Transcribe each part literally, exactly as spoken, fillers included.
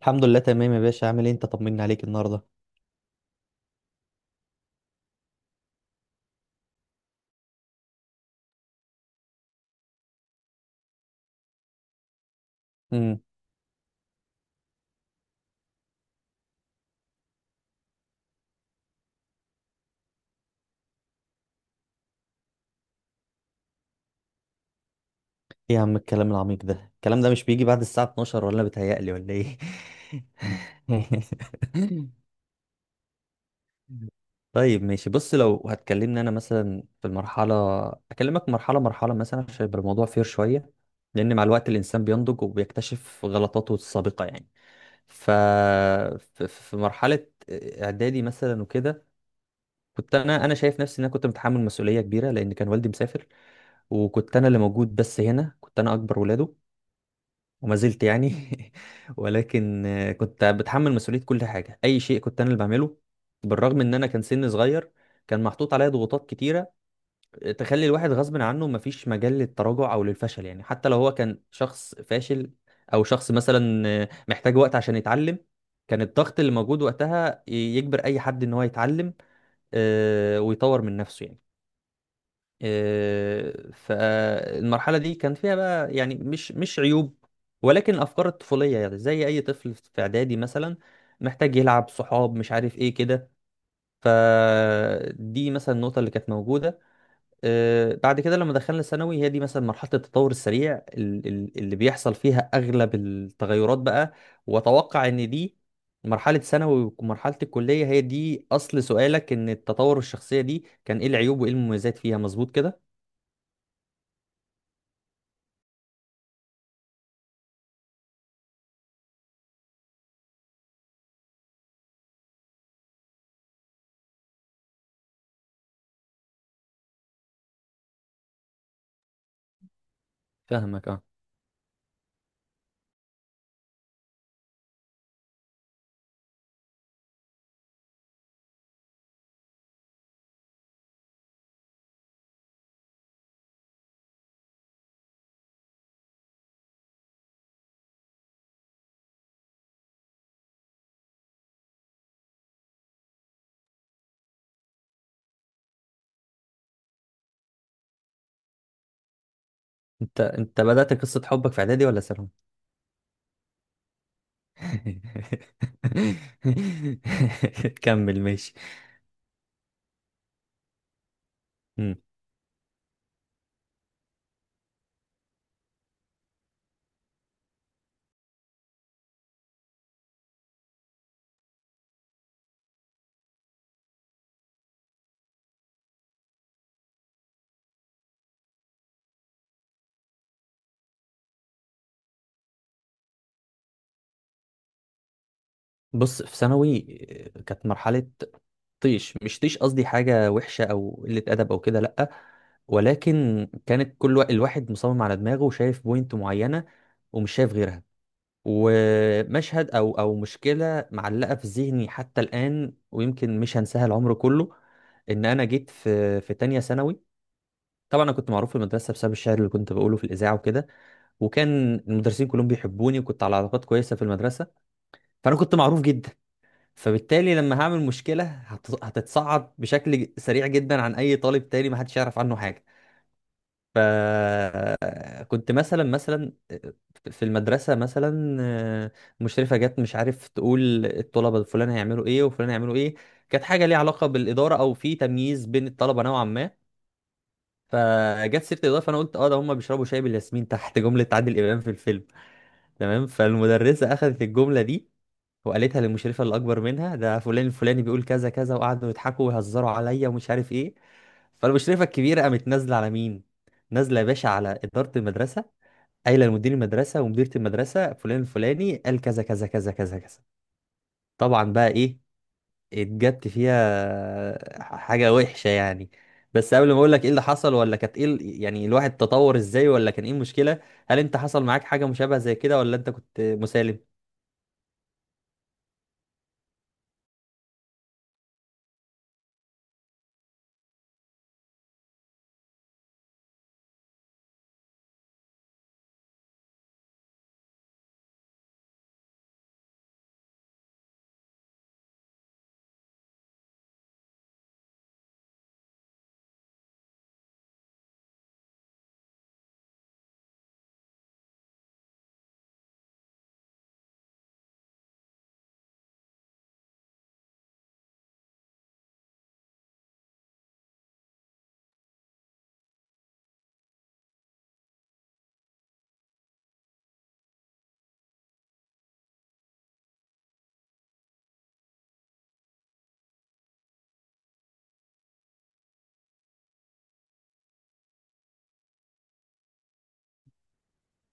الحمد لله، تمام يا باشا. عامل ايه انت؟ طمنا عليك النهارده. امم ايه يا عم الكلام العميق ده؟ الكلام ده مش بيجي بعد الساعه اتناشر، ولا بتهيألي ولا ايه؟ طيب ماشي، بص. لو هتكلمني انا مثلا في المرحله، اكلمك مرحله مرحله مثلا عشان يبقى الموضوع فير شويه. لان مع الوقت الانسان بينضج وبيكتشف غلطاته السابقه يعني. ف ف- في مرحله اعدادي مثلا وكده، كنت انا انا شايف نفسي ان انا كنت متحمل مسؤوليه كبيره، لان كان والدي مسافر وكنت انا اللي موجود. بس هنا كنت انا اكبر ولاده، وما زلت يعني. ولكن آه، كنت بتحمل مسؤوليه كل حاجه. اي شيء كنت انا اللي بعمله، بالرغم ان انا كان سن صغير. كان محطوط عليا ضغوطات كتيره تخلي الواحد غصب عنه مفيش مجال للتراجع او للفشل، يعني حتى لو هو كان شخص فاشل او شخص مثلا آه، محتاج وقت عشان يتعلم. كان الضغط اللي موجود وقتها ي- يجبر اي حد ان هو يتعلم آه، ويطور من نفسه يعني. آه، فالمرحلة دي كان فيها بقى، يعني، مش مش عيوب، ولكن أفكار الطفولية، يعني زي أي طفل في إعدادي مثلا محتاج يلعب صحاب، مش عارف إيه كده. فدي مثلا النقطة اللي كانت موجودة. آه، بعد كده لما دخلنا ثانوي، هي دي مثلا مرحلة التطور السريع ال- ال- اللي بيحصل فيها أغلب التغيرات بقى. وأتوقع إن دي مرحلة ثانوي ومرحلة الكلية هي دي أصل سؤالك. إن التطور الشخصية دي كان إيه العيوب وإيه المميزات فيها، مظبوط كده؟ فاهمك، اه. انت انت بدأت قصة حبك في اعدادي ولا ثانوي؟ كمل، ماشي. مم. بص في ثانوي، آه، كانت مرحلة طيش. مش طيش قصدي حاجة وحشة او قلة ادب او كده، لا. ولكن كانت كل وا- الواحد مصمم على دماغه وشايف بوينت معينة ومش شايف غيرها. ومشهد او او مشكلة معلقة في ذهني حتى الآن، ويمكن مش هنساها العمر كله. ان انا جيت في في تانية ثانوي. طبعا انا كنت معروف في المدرسه بسبب الشعر اللي كنت بقوله في الاذاعه وكده. وكان المدرسين كلهم بيحبوني، وكنت على علاقات كويسه في المدرسه. فانا كنت معروف جدا. فبالتالي لما هعمل مشكله هت- هتتصعد بشكل ج- سريع جدا عن اي طالب تاني ما حدش يعرف عنه حاجه. فكنت مثلا مثلا في المدرسه مثلا، آه، مشرفه جت، مش عارف، تقول الطلبه فلان هيعملوا ايه وفلان هيعملوا ايه. كانت حاجه ليها علاقه بالاداره او في تمييز بين الطلبه نوعا ما. فجت سيره الاضاءه، فانا قلت اه ده هم بيشربوا شاي بالياسمين، تحت جمله عادل امام في الفيلم، تمام. فالمدرسه اخذت الجمله دي وقالتها للمشرفه اللي اكبر منها، ده فلان الفلاني بيقول كذا كذا. وقعدوا يضحكوا ويهزروا عليا ومش عارف ايه. فالمشرفه الكبيره قامت نازله على مين؟ نازله يا باشا على اداره المدرسه، قايله لمدير المدرسه ومديره المدرسه فلان الفلاني قال كذا كذا كذا كذا كذا. طبعا بقى ايه، اتجبت فيها حاجة وحشة يعني. بس قبل ما اقول لك ايه اللي حصل، ولا كانت ايه ال- يعني الواحد تطور ازاي، ولا كان ايه المشكلة، هل انت حصل معاك حاجة مشابهة زي كده ولا انت كنت مسالم؟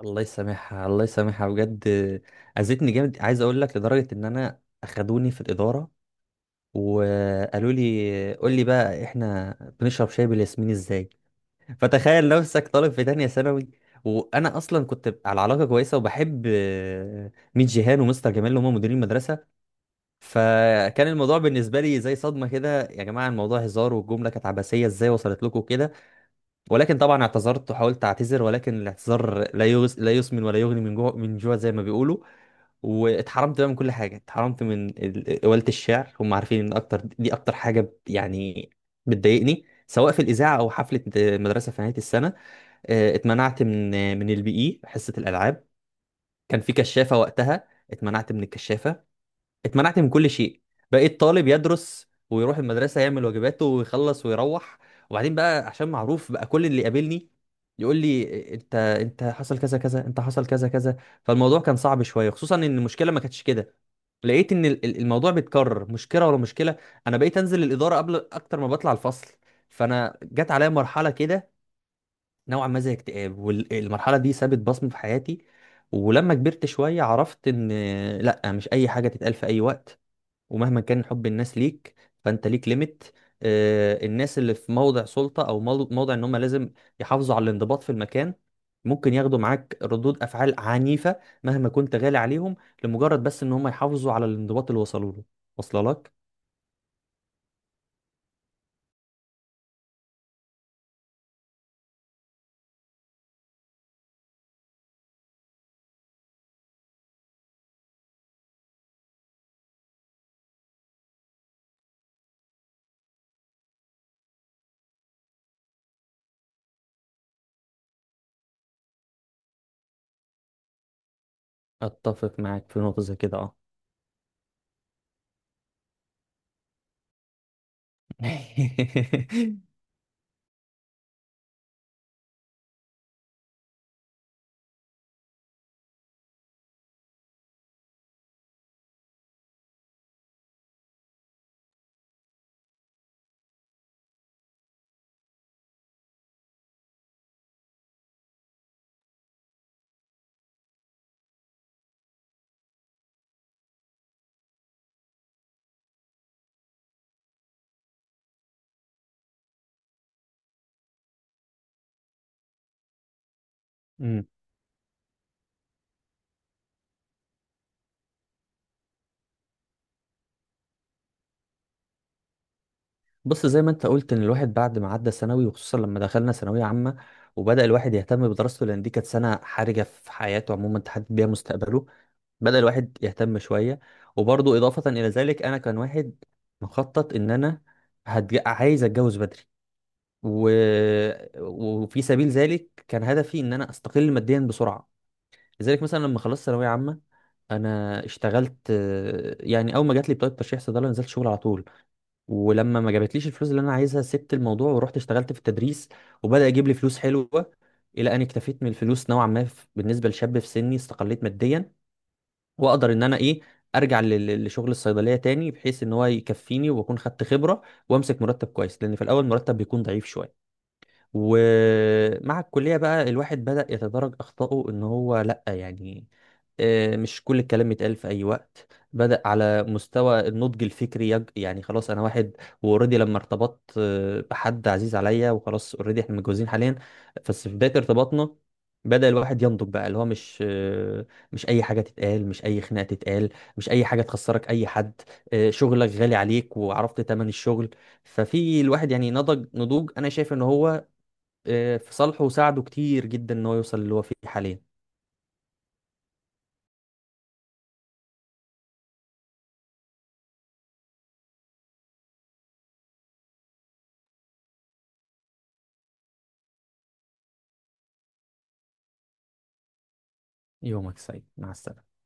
الله يسامحها، الله يسامحها بجد. اذتني جامد، عايز اقول لك، لدرجة ان انا اخدوني في الإدارة وقالوا لي قول لي بقى احنا بنشرب شاي بالياسمين ازاي. فتخيل نفسك طالب في تانية ثانوي، وانا اصلا كنت على علاقة كويسة وبحب ميت جيهان ومستر جمال اللي هم مديرين المدرسة. فكان الموضوع بالنسبه لي زي صدمه كده، يا جماعه الموضوع هزار، والجمله كانت عبثيه ازاي وصلت لكم كده. ولكن طبعا اعتذرت وحاولت اعتذر، ولكن الاعتذار لا يغس لا يسمن ولا يغني من جوع من جوع، زي ما بيقولوا. واتحرمت بقى من كل حاجه. اتحرمت من ال- قوالة الشعر، هم عارفين ان اكتر دي اكتر حاجه ب- يعني بتضايقني، سواء في الاذاعه او حفله مدرسه في نهايه السنه. اه، اتمنعت من من البي اي، حصه الالعاب. كان في كشافه وقتها، اتمنعت من الكشافه. اتمنعت من كل شيء. بقيت طالب يدرس ويروح المدرسة، يعمل واجباته ويخلص ويروح. وبعدين بقى، عشان معروف بقى، كل اللي يقابلني يقول لي انت انت حصل كذا كذا، انت حصل كذا كذا. فالموضوع كان صعب شوية، خصوصا ان المشكلة ما كانتش كده. لقيت ان ال- ال- الموضوع بيتكرر، مشكلة ورا مشكلة. انا بقيت انزل الإدارة قبل اكتر ما بطلع الفصل. فانا جت عليا مرحلة كده نوعا ما زي اكتئاب، والمرحلة دي سابت بصمة في حياتي. ولما كبرت شوية عرفت ان لا، مش اي حاجة تتقال في اي وقت، ومهما كان حب الناس ليك، فانت ليك ليميت. آه، الناس اللي في موضع سلطة او مو- موضع ان هم لازم يحافظوا على الانضباط في المكان، ممكن ياخدوا معاك ردود افعال عنيفة مهما كنت غالي عليهم، لمجرد بس ان هم يحافظوا على الانضباط اللي وصلوا له، واصله لك. اتفق معاك في نقطة زي كده، اه. بص، زي ما انت قلت ان الواحد بعد ما عدى ثانوي، وخصوصا لما دخلنا ثانويه عامه وبدا الواحد يهتم بدراسته لان دي كانت سنه حرجه في حياته عموما تحدد بيها مستقبله، بدأ الواحد يهتم شوية. وبرضه إضافة إلى ذلك أنا كان واحد مخطط إن أنا هتج... عايز أتجوز بدري، و... وفي سبيل ذلك كان هدفي إن أنا أستقل ماديا بسرعة. لذلك مثلا لما خلصت ثانوية عامة، أنا اشتغلت. آه، يعني أول ما جات لي بطاقة ترشيح صيدلة نزلت شغل على طول، ولما ما جابتليش الفلوس اللي انا عايزها سبت الموضوع ورحت اشتغلت في التدريس، وبدأ يجيب لي فلوس حلوة. الى ان اكتفيت من الفلوس نوعا ما، ف- بالنسبة لشاب في سني استقليت ماديا، واقدر ان انا ايه، ارجع لل- لشغل الصيدلية تاني بحيث ان هو يكفيني واكون خدت خبرة وامسك مرتب كويس، لان في الاول مرتب بيكون ضعيف شوية. ومع الكلية بقى الواحد بدأ يتدرج أخطائه إن هو لأ، يعني آه، مش كل الكلام يتقال في أي وقت. بدأ على مستوى النضج الفكري يج... يعني خلاص أنا واحد. وأوريدي لما ارتبطت آه، بحد عزيز عليا، وخلاص أوريدي إحنا متجوزين حاليا. بس في بداية ارتباطنا بدأ الواحد ينضج بقى، اللي هو مش آه، مش أي حاجة تتقال، مش أي خناقة تتقال، مش أي حاجة تخسرك أي حد. آه، شغلك غالي عليك وعرفت تمن الشغل. ففي الواحد يعني نضج نضوج، انا شايف ان هو آه، في صالحه وساعده كتير جدا ان هو يوصل اللي هو فيه حاليا. يومك سعيد، مع السلامة.